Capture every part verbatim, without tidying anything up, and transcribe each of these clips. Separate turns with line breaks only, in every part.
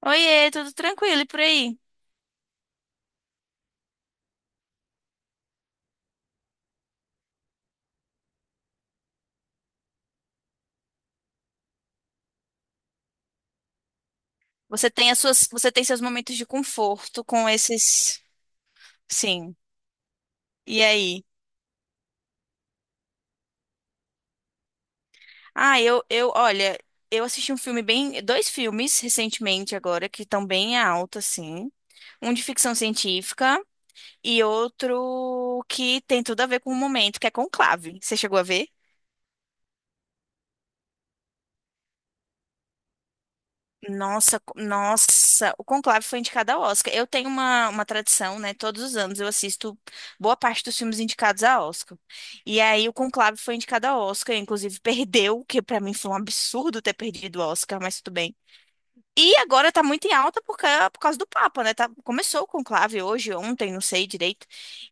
Oiê, tudo tranquilo e por aí? Você tem as suas, você tem seus momentos de conforto com esses, sim. E aí? Ah, eu, eu, olha, eu assisti um filme bem, dois filmes recentemente agora que estão bem alto assim. Um de ficção científica e outro que tem tudo a ver com o momento, que é Conclave. Você chegou a ver? Nossa, co- nossa, o Conclave foi indicado ao Oscar. Eu tenho uma, uma tradição, né? Todos os anos eu assisto boa parte dos filmes indicados ao Oscar. E aí o Conclave foi indicado ao Oscar, inclusive perdeu, que pra mim foi um absurdo ter perdido o Oscar, mas tudo bem. E agora tá muito em alta por, ca- por causa do Papa, né? Tá- começou o conclave hoje, ontem, não sei direito.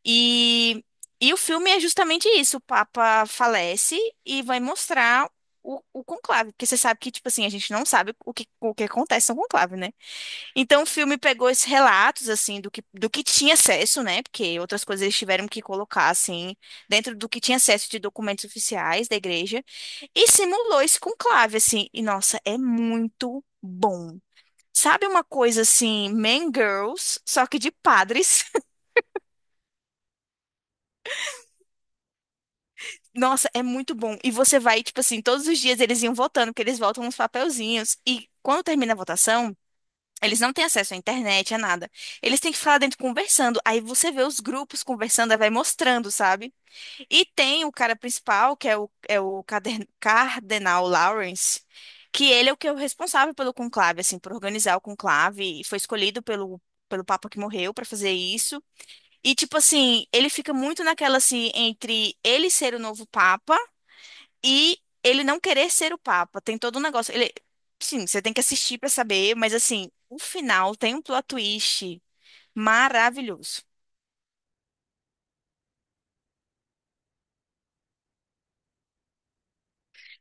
E, e o filme é justamente isso: o Papa falece e vai mostrar o, o conclave. Porque você sabe que, tipo assim, a gente não sabe o que, o que acontece no conclave, né? Então o filme pegou esses relatos, assim, do que, do que tinha acesso, né? Porque outras coisas eles tiveram que colocar, assim, dentro do que tinha acesso de documentos oficiais da igreja. E simulou esse conclave, assim. E, nossa, é muito bom. Sabe uma coisa assim, Man Girls, só que de padres? Nossa, é muito bom. E você vai, tipo assim, todos os dias eles iam votando, porque eles votam uns papelzinhos. E quando termina a votação, eles não têm acesso à internet, a nada. Eles têm que ficar lá dentro conversando. Aí você vê os grupos conversando, aí vai mostrando, sabe? E tem o cara principal, que é o, é o Cader- Cardenal Lawrence. Que ele é o que é o responsável pelo conclave, assim, por organizar o conclave, e foi escolhido pelo, pelo Papa que morreu para fazer isso. E, tipo assim, ele fica muito naquela, assim, entre ele ser o novo Papa e ele não querer ser o Papa. Tem todo um negócio. Ele, sim, você tem que assistir pra saber, mas, assim, o final tem um plot twist maravilhoso.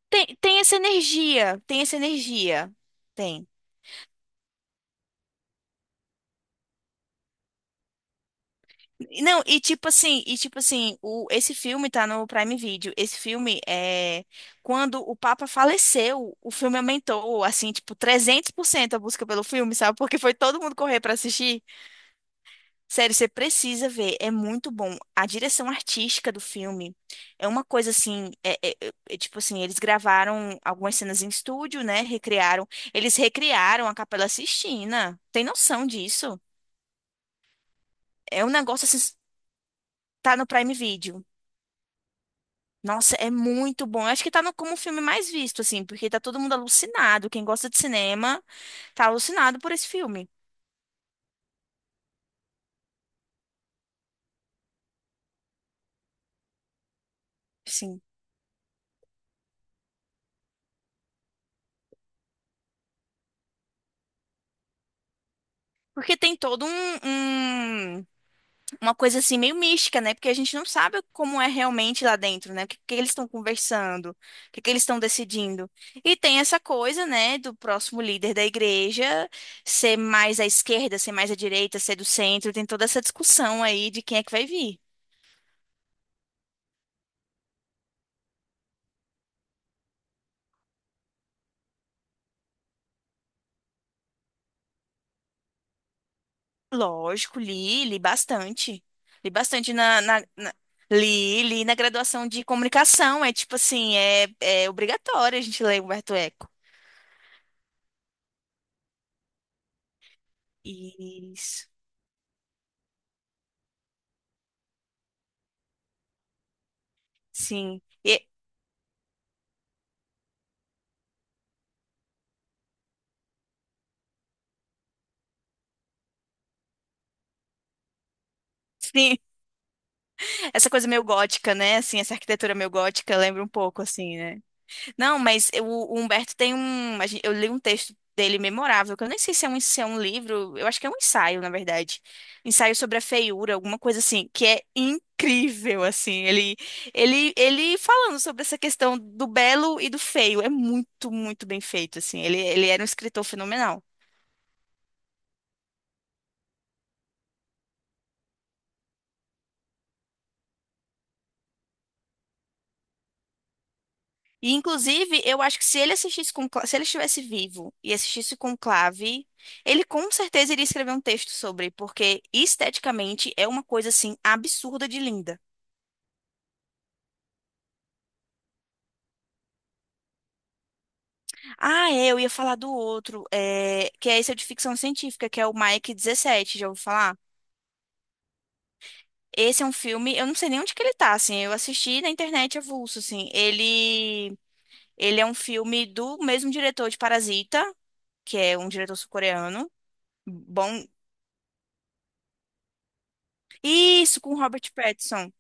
Tem, tem essa energia, tem essa energia. Tem. Não, e tipo assim, e tipo assim, o, esse filme tá no Prime Video. Esse filme é quando o Papa faleceu, o filme aumentou assim, tipo trezentos por cento a busca pelo filme, sabe? Porque foi todo mundo correr pra assistir. Sério, você precisa ver, é muito bom. A direção artística do filme é uma coisa assim, é, é- é- é tipo assim, eles gravaram algumas cenas em estúdio, né? Recriaram, eles recriaram a Capela Sistina. Tem noção disso? É um negócio assim, tá no Prime Video. Nossa, é muito bom. Eu acho que tá no, como o filme mais visto, assim, porque tá todo mundo alucinado. Quem gosta de cinema tá alucinado por esse filme, sim. Porque tem todo um, um- uma coisa assim meio mística, né? Porque a gente não sabe como é realmente lá dentro, né? O que, que eles estão conversando, o que, que eles estão decidindo. E tem essa coisa, né, do próximo líder da igreja ser mais à esquerda, ser mais à direita, ser do centro. Tem toda essa discussão aí de quem é que vai vir. Lógico, li, li bastante. Li bastante na, na, na- li, li na graduação de comunicação. É tipo assim, é, é obrigatório a gente ler Humberto Eco. Isso. Sim. E- sim, essa coisa meio gótica, né? Assim, essa arquitetura meio gótica lembra um pouco, assim, né? Não, mas eu- o Humberto tem um. a gen- Eu li um texto dele memorável, que eu nem sei se é um, se é um livro, eu acho que é um ensaio, na verdade. Ensaio sobre a feiura, alguma coisa assim, que é incrível, assim. Ele, ele, ele falando sobre essa questão do belo e do feio. É muito, muito bem feito, assim. Ele, ele era um escritor fenomenal. E, inclusive, eu acho que se ele assistisse com, se ele estivesse vivo e assistisse Conclave, ele com certeza iria escrever um texto sobre, porque esteticamente é uma coisa assim absurda de linda. Ah, é, eu ia falar do outro, é, que é esse é de ficção científica, que é o Mike dezessete, já ouviu falar? Esse é um filme, eu não sei nem onde que ele tá, assim, eu assisti na internet avulso, assim. Ele, ele é um filme do mesmo diretor de Parasita, que é um diretor sul-coreano. Bom, isso, com Robert Pattinson.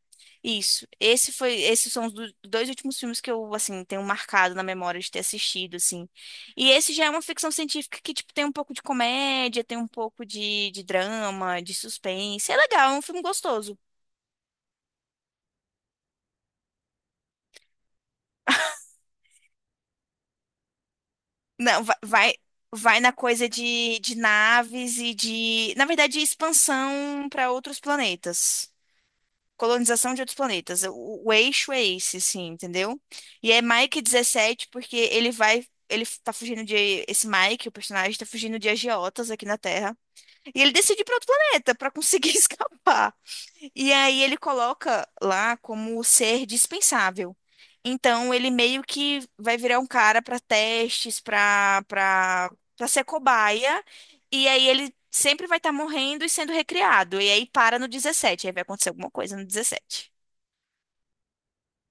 Isso. Esse foi, esses são os do- dois últimos filmes que eu, assim, tenho marcado na memória de ter assistido, assim. E esse já é uma ficção científica que, tipo, tem um pouco de comédia, tem um pouco de, de drama, de suspense. É legal, é um filme gostoso. Não, va- vai, vai, na coisa de, de naves e de, na verdade, expansão para outros planetas. Colonização de outros planetas. O, o eixo é esse, assim, entendeu? E é Mike dezessete porque ele vai. Ele tá fugindo de. Esse Mike, o personagem, tá fugindo de agiotas aqui na Terra. E ele decide ir pra outro planeta pra conseguir escapar. E aí ele coloca lá como ser dispensável. Então ele meio que vai virar um cara pra testes, pra, pra, pra ser cobaia. E aí ele sempre vai estar morrendo e sendo recriado. E aí para no dezessete aí vai acontecer alguma coisa no dezessete.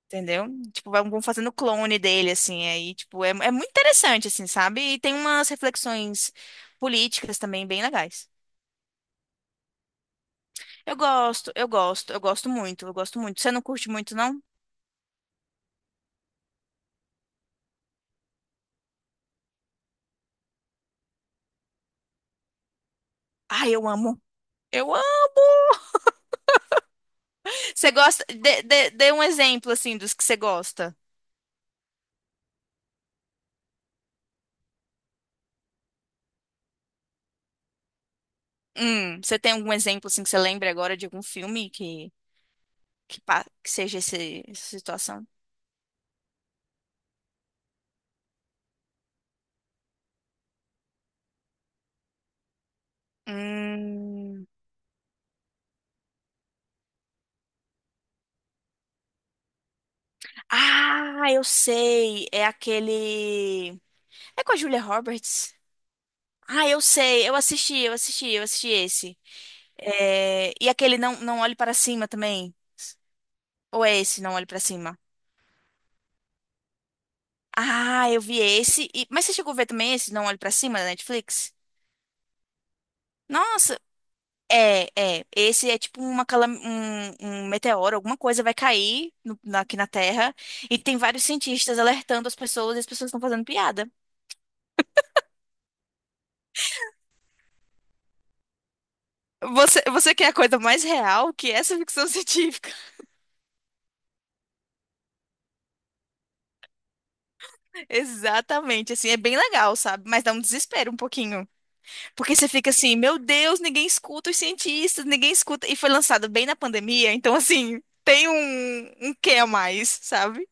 Entendeu? Tipo, vão vão fazendo clone dele, assim, aí, tipo, é, é muito interessante, assim, sabe? E tem umas reflexões políticas também bem legais. Eu gosto, eu gosto, eu gosto muito, eu gosto muito. Você não curte muito, não? Ai, eu amo. Eu amo! Você gosta? Dê, dê, dê um exemplo, assim, dos que você gosta. Hum, você tem algum exemplo, assim, que você lembra agora de algum filme que, que, pa- que seja esse- essa situação? Hum. Ah, eu sei. É aquele. É com a Julia Roberts? Ah, eu sei, eu assisti, eu assisti, eu assisti esse. É, e aquele Não, Não Olhe Para Cima também? Ou é esse, Não Olhe Para Cima? Ah, eu vi esse. e- Mas você chegou a ver também esse, Não Olhe Para Cima, da Netflix? Nossa, é, é. Esse é tipo uma calam... um, um meteoro, alguma coisa vai cair no- na- aqui na Terra. E tem vários cientistas alertando as pessoas e as pessoas estão fazendo piada. Você, você quer a coisa mais real que essa ficção científica? Exatamente, assim, é bem legal, sabe? Mas dá um desespero um pouquinho. Porque você fica assim, meu Deus, ninguém escuta os cientistas, ninguém escuta. E foi lançado bem na pandemia, então, assim, tem um, um quê a mais, sabe?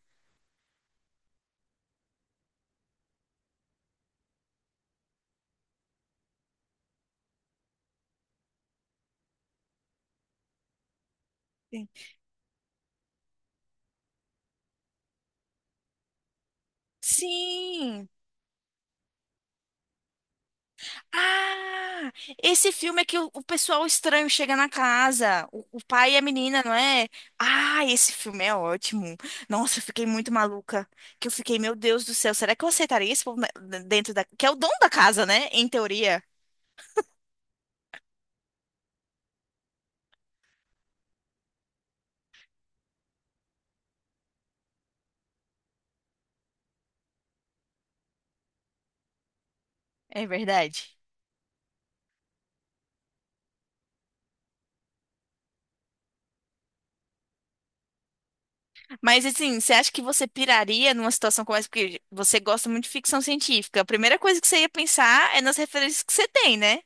Sim. Sim. Ah, esse filme é que o, o pessoal estranho chega na casa, o, o pai e a menina, não é? Ah, esse filme é ótimo. Nossa, eu fiquei muito maluca. Que eu fiquei, meu Deus do céu, será que eu aceitaria esse povo na- dentro da. Que é o dono da casa, né? Em teoria. É verdade. Mas assim, você acha que você piraria numa situação como essa? Porque você gosta muito de ficção científica. A primeira coisa que você ia pensar é nas referências que você tem, né?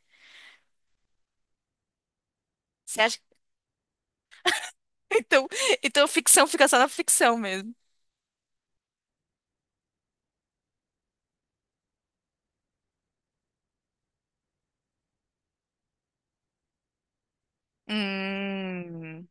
Você acha? Então, então ficção fica só na ficção mesmo. Hum.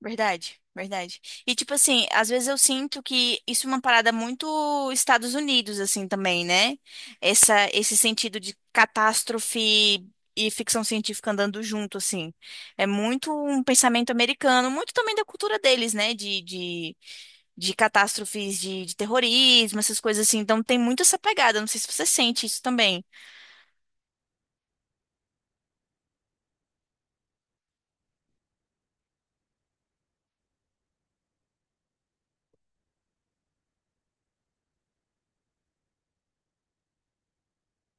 Verdade, verdade. E tipo assim, às vezes eu sinto que isso é uma parada muito Estados Unidos assim também, né? Essa esse sentido de catástrofe e ficção científica andando junto assim. É muito um pensamento americano, muito também da cultura deles, né? De, de, de catástrofes de, de terrorismo, essas coisas assim. Então tem muito essa pegada, não sei se você sente isso também.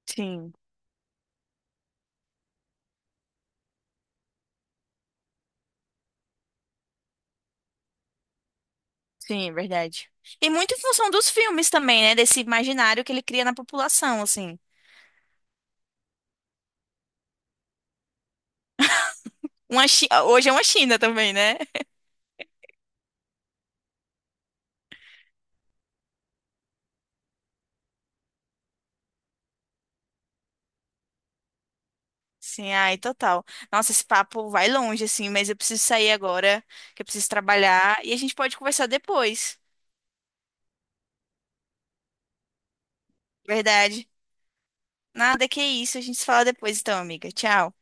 Sim, sim, verdade. E muito em função dos filmes também, né? Desse imaginário que ele cria na população, assim. Uma Chi- hoje é uma China também, né? Sim, ai, total. Nossa, esse papo vai longe, assim, mas eu preciso sair agora, que eu preciso trabalhar, e a gente pode conversar depois. Verdade. Nada que isso, a gente se fala depois, então, amiga. Tchau.